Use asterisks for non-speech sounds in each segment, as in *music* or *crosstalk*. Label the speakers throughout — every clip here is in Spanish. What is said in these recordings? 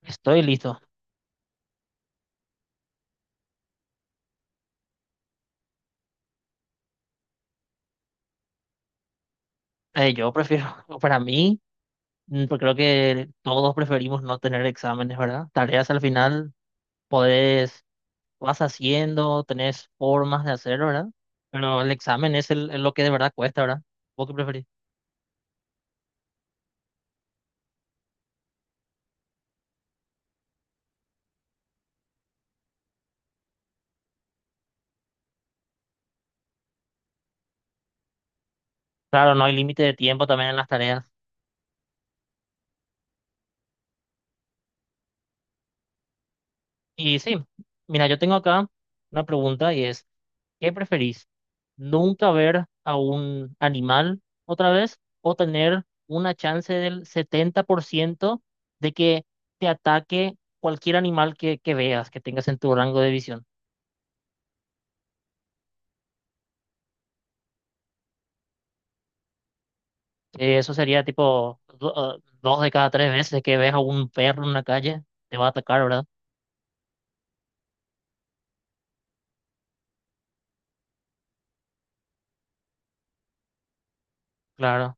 Speaker 1: Estoy listo. Yo prefiero, *laughs* para mí, pues creo que todos preferimos no tener exámenes, ¿verdad? Tareas al final podés, vas haciendo, tenés formas de hacerlo, ¿verdad? Pero el examen es, es lo que de verdad cuesta, ¿verdad? ¿Vos qué preferís? Claro, no hay límite de tiempo también en las tareas. Y sí, mira, yo tengo acá una pregunta y es, ¿qué preferís? ¿Nunca ver a un animal otra vez o tener una chance del 70% de que te ataque cualquier animal que veas, que tengas en tu rango de visión? Eso sería tipo dos de cada tres veces que ves a un perro en la calle, te va a atacar, ¿verdad? Claro.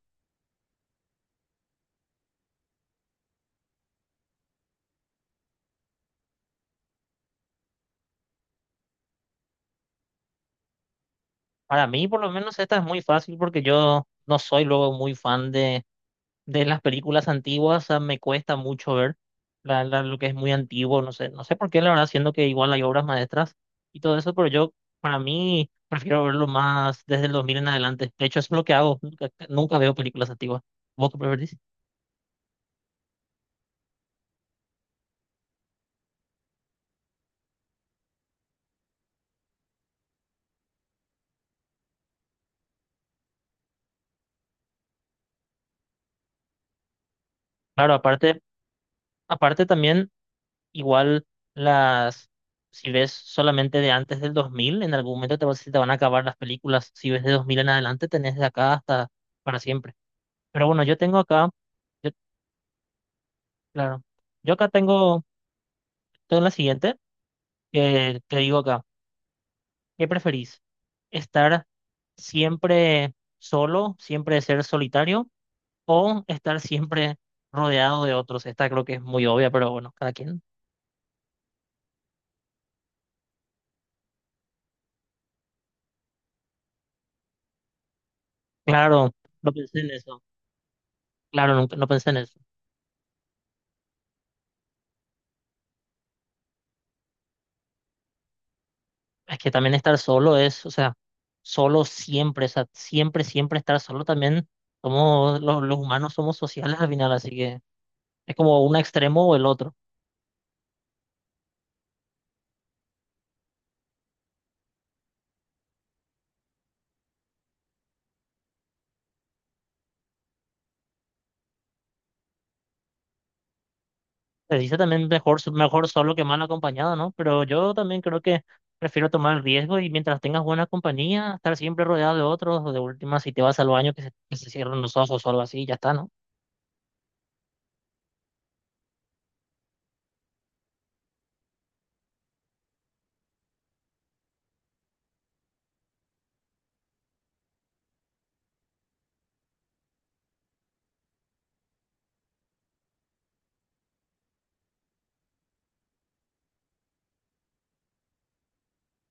Speaker 1: Para mí, por lo menos, esta es muy fácil porque yo no soy luego muy fan de las películas antiguas, o me cuesta mucho ver lo que es muy antiguo, no sé, no sé por qué, la verdad, siendo que igual hay obras maestras y todo eso, pero yo, para mí, prefiero verlo más desde el 2000 en adelante. De hecho, eso es lo que hago, nunca, nunca veo películas antiguas. ¿Vos qué preferís? Claro, aparte, aparte también, igual las, si ves solamente de antes del 2000, en algún momento se te van a acabar las películas. Si ves de 2000 en adelante, tenés de acá hasta para siempre. Pero bueno, yo tengo acá, yo- claro. Yo acá tengo entonces la siguiente, que te digo acá. ¿Qué preferís? ¿Estar siempre solo, siempre ser solitario o estar siempre rodeado de otros? Esta creo que es muy obvia, pero bueno, cada quien. Claro, no pensé en eso. Claro, no pensé en eso. Es que también estar solo es, o sea, solo siempre, o sea, siempre, siempre estar solo también. Somos, los humanos somos sociales al final, así que es como un extremo o el otro. Se dice también mejor, mejor solo que mal acompañado, ¿no? Pero yo también creo que prefiero tomar el riesgo y mientras tengas buena compañía, estar siempre rodeado de otros, o de última, si te vas al baño, que se cierren los ojos o algo así, y ya está, ¿no?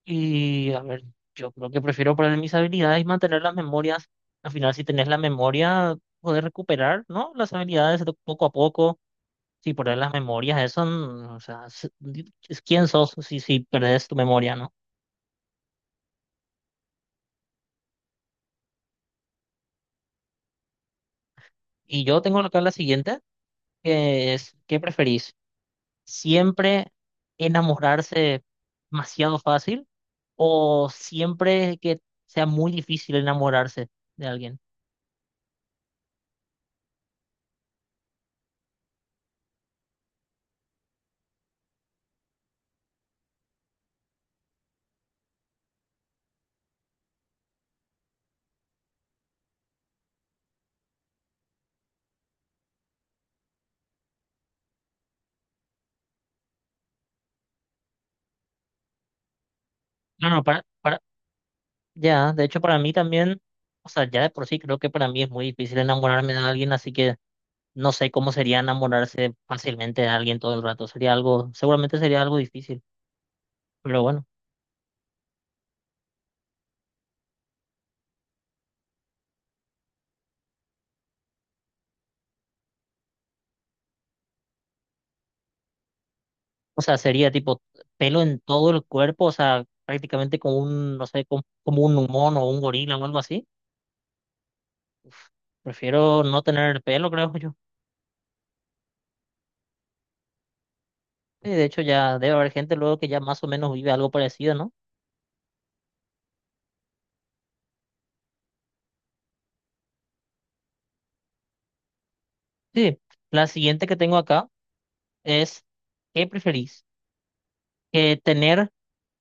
Speaker 1: Y a ver, yo creo que prefiero poner mis habilidades y mantener las memorias. Al final, si tenés la memoria, poder recuperar, ¿no? Las habilidades de poco a poco, si poner las memorias, eso, o sea, es quién sos si perdés tu memoria, ¿no? Y yo tengo acá la siguiente, que es, ¿qué preferís? Siempre enamorarse demasiado fácil o siempre que sea muy difícil enamorarse de alguien. No, no, para, ya, de hecho para mí también, o sea, ya de por sí creo que para mí es muy difícil enamorarme de alguien, así que no sé cómo sería enamorarse fácilmente de alguien todo el rato. Sería algo, seguramente sería algo difícil, pero bueno, o sea, sería tipo pelo en todo el cuerpo, o sea, prácticamente como un, no sé, como, como un mono o un gorila o algo así. Uf, prefiero no tener pelo, creo yo. Y de hecho, ya debe haber gente luego que ya más o menos vive algo parecido, ¿no? Sí. La siguiente que tengo acá es, ¿qué preferís? ¿Tener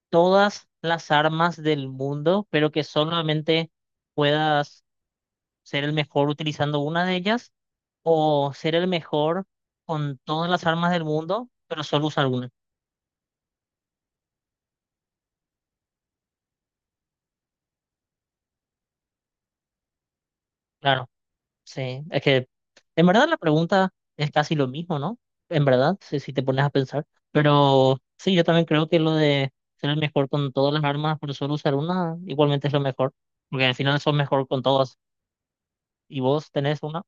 Speaker 1: todas las armas del mundo, pero que solamente puedas ser el mejor utilizando una de ellas? ¿O ser el mejor con todas las armas del mundo, pero solo usar una? Claro. Sí, es que en verdad la pregunta es casi lo mismo, ¿no? En verdad, si te pones a pensar. Pero sí, yo también creo que lo de ser el mejor con todas las armas por solo usar una, igualmente es lo mejor. Porque al final sos mejor con todas y vos tenés una.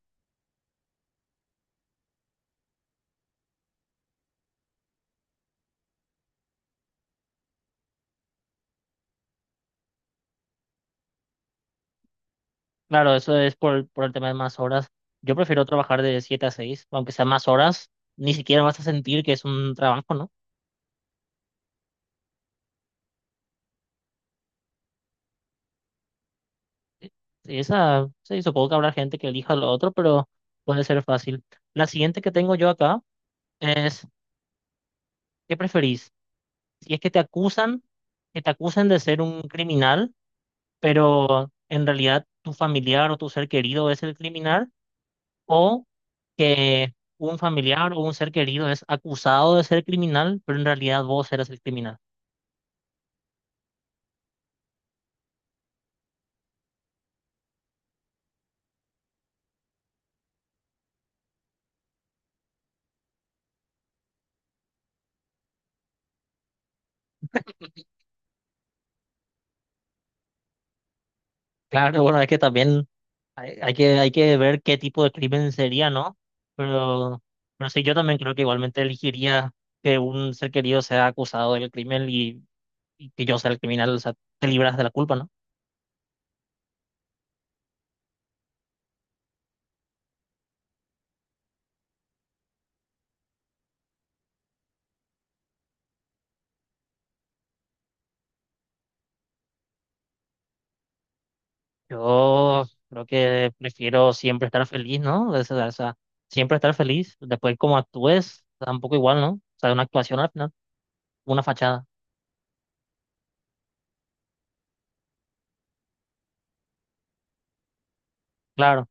Speaker 1: Claro, eso es por el tema de más horas. Yo prefiero trabajar de 7 a 6 aunque sea más horas, ni siquiera vas a sentir que es un trabajo, ¿no? Y esa, sí, supongo que habrá gente que elija lo otro, pero puede ser fácil. La siguiente que tengo yo acá es, ¿qué preferís? Y es que te acusan de ser un criminal, pero en realidad tu familiar o tu ser querido es el criminal, o que un familiar o un ser querido es acusado de ser criminal, pero en realidad vos eres el criminal. Claro, bueno, es que también hay que ver qué tipo de crimen sería, ¿no? Pero, pero sí, yo también creo que igualmente elegiría que un ser querido sea acusado del crimen y que yo sea el criminal, o sea, te libras de la culpa, ¿no? Yo creo que prefiero siempre estar feliz, ¿no? O sea, siempre estar feliz. Después, como actúes, tampoco igual, ¿no? O sea, una actuación al final, una fachada. Claro,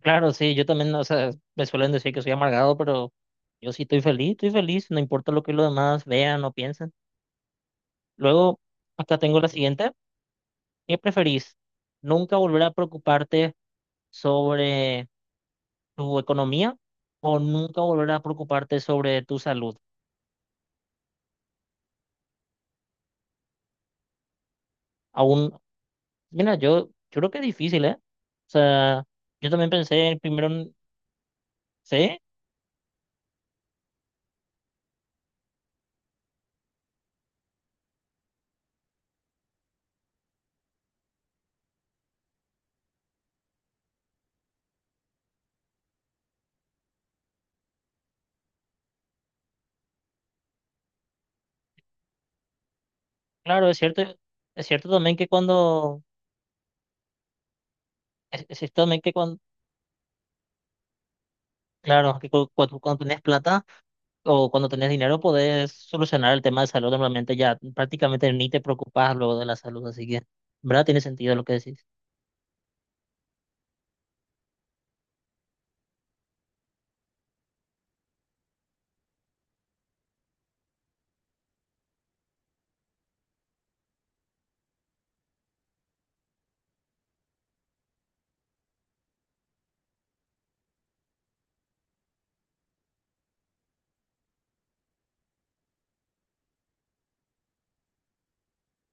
Speaker 1: claro, sí, yo también, o sea, me suelen decir que soy amargado, pero yo sí estoy feliz, no importa lo que los demás vean o piensen. Luego, acá tengo la siguiente. ¿Qué preferís? ¿Nunca volver a preocuparte sobre tu economía o nunca volver a preocuparte sobre tu salud? Aún mira, yo creo que es difícil, ¿eh? O sea, yo también pensé en primero en... Sí, claro, es cierto también que cuando... es cierto también que cuando... Claro, que cuando tenés plata o cuando tenés dinero podés solucionar el tema de salud normalmente ya prácticamente ni te preocupás luego de la salud, así que, ¿verdad? Tiene sentido lo que decís.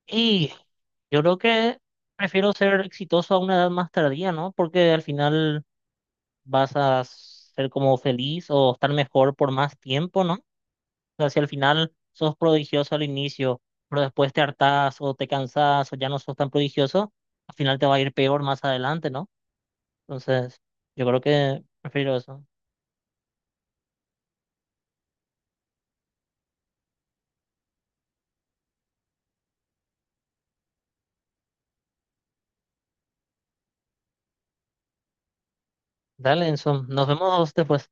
Speaker 1: Y yo creo que prefiero ser exitoso a una edad más tardía, ¿no? Porque al final vas a ser como feliz o estar mejor por más tiempo, ¿no? O sea, si al final sos prodigioso al inicio, pero después te hartás o te cansás o ya no sos tan prodigioso, al final te va a ir peor más adelante, ¿no? Entonces, yo creo que prefiero eso. Dale, Enzo, nos vemos después.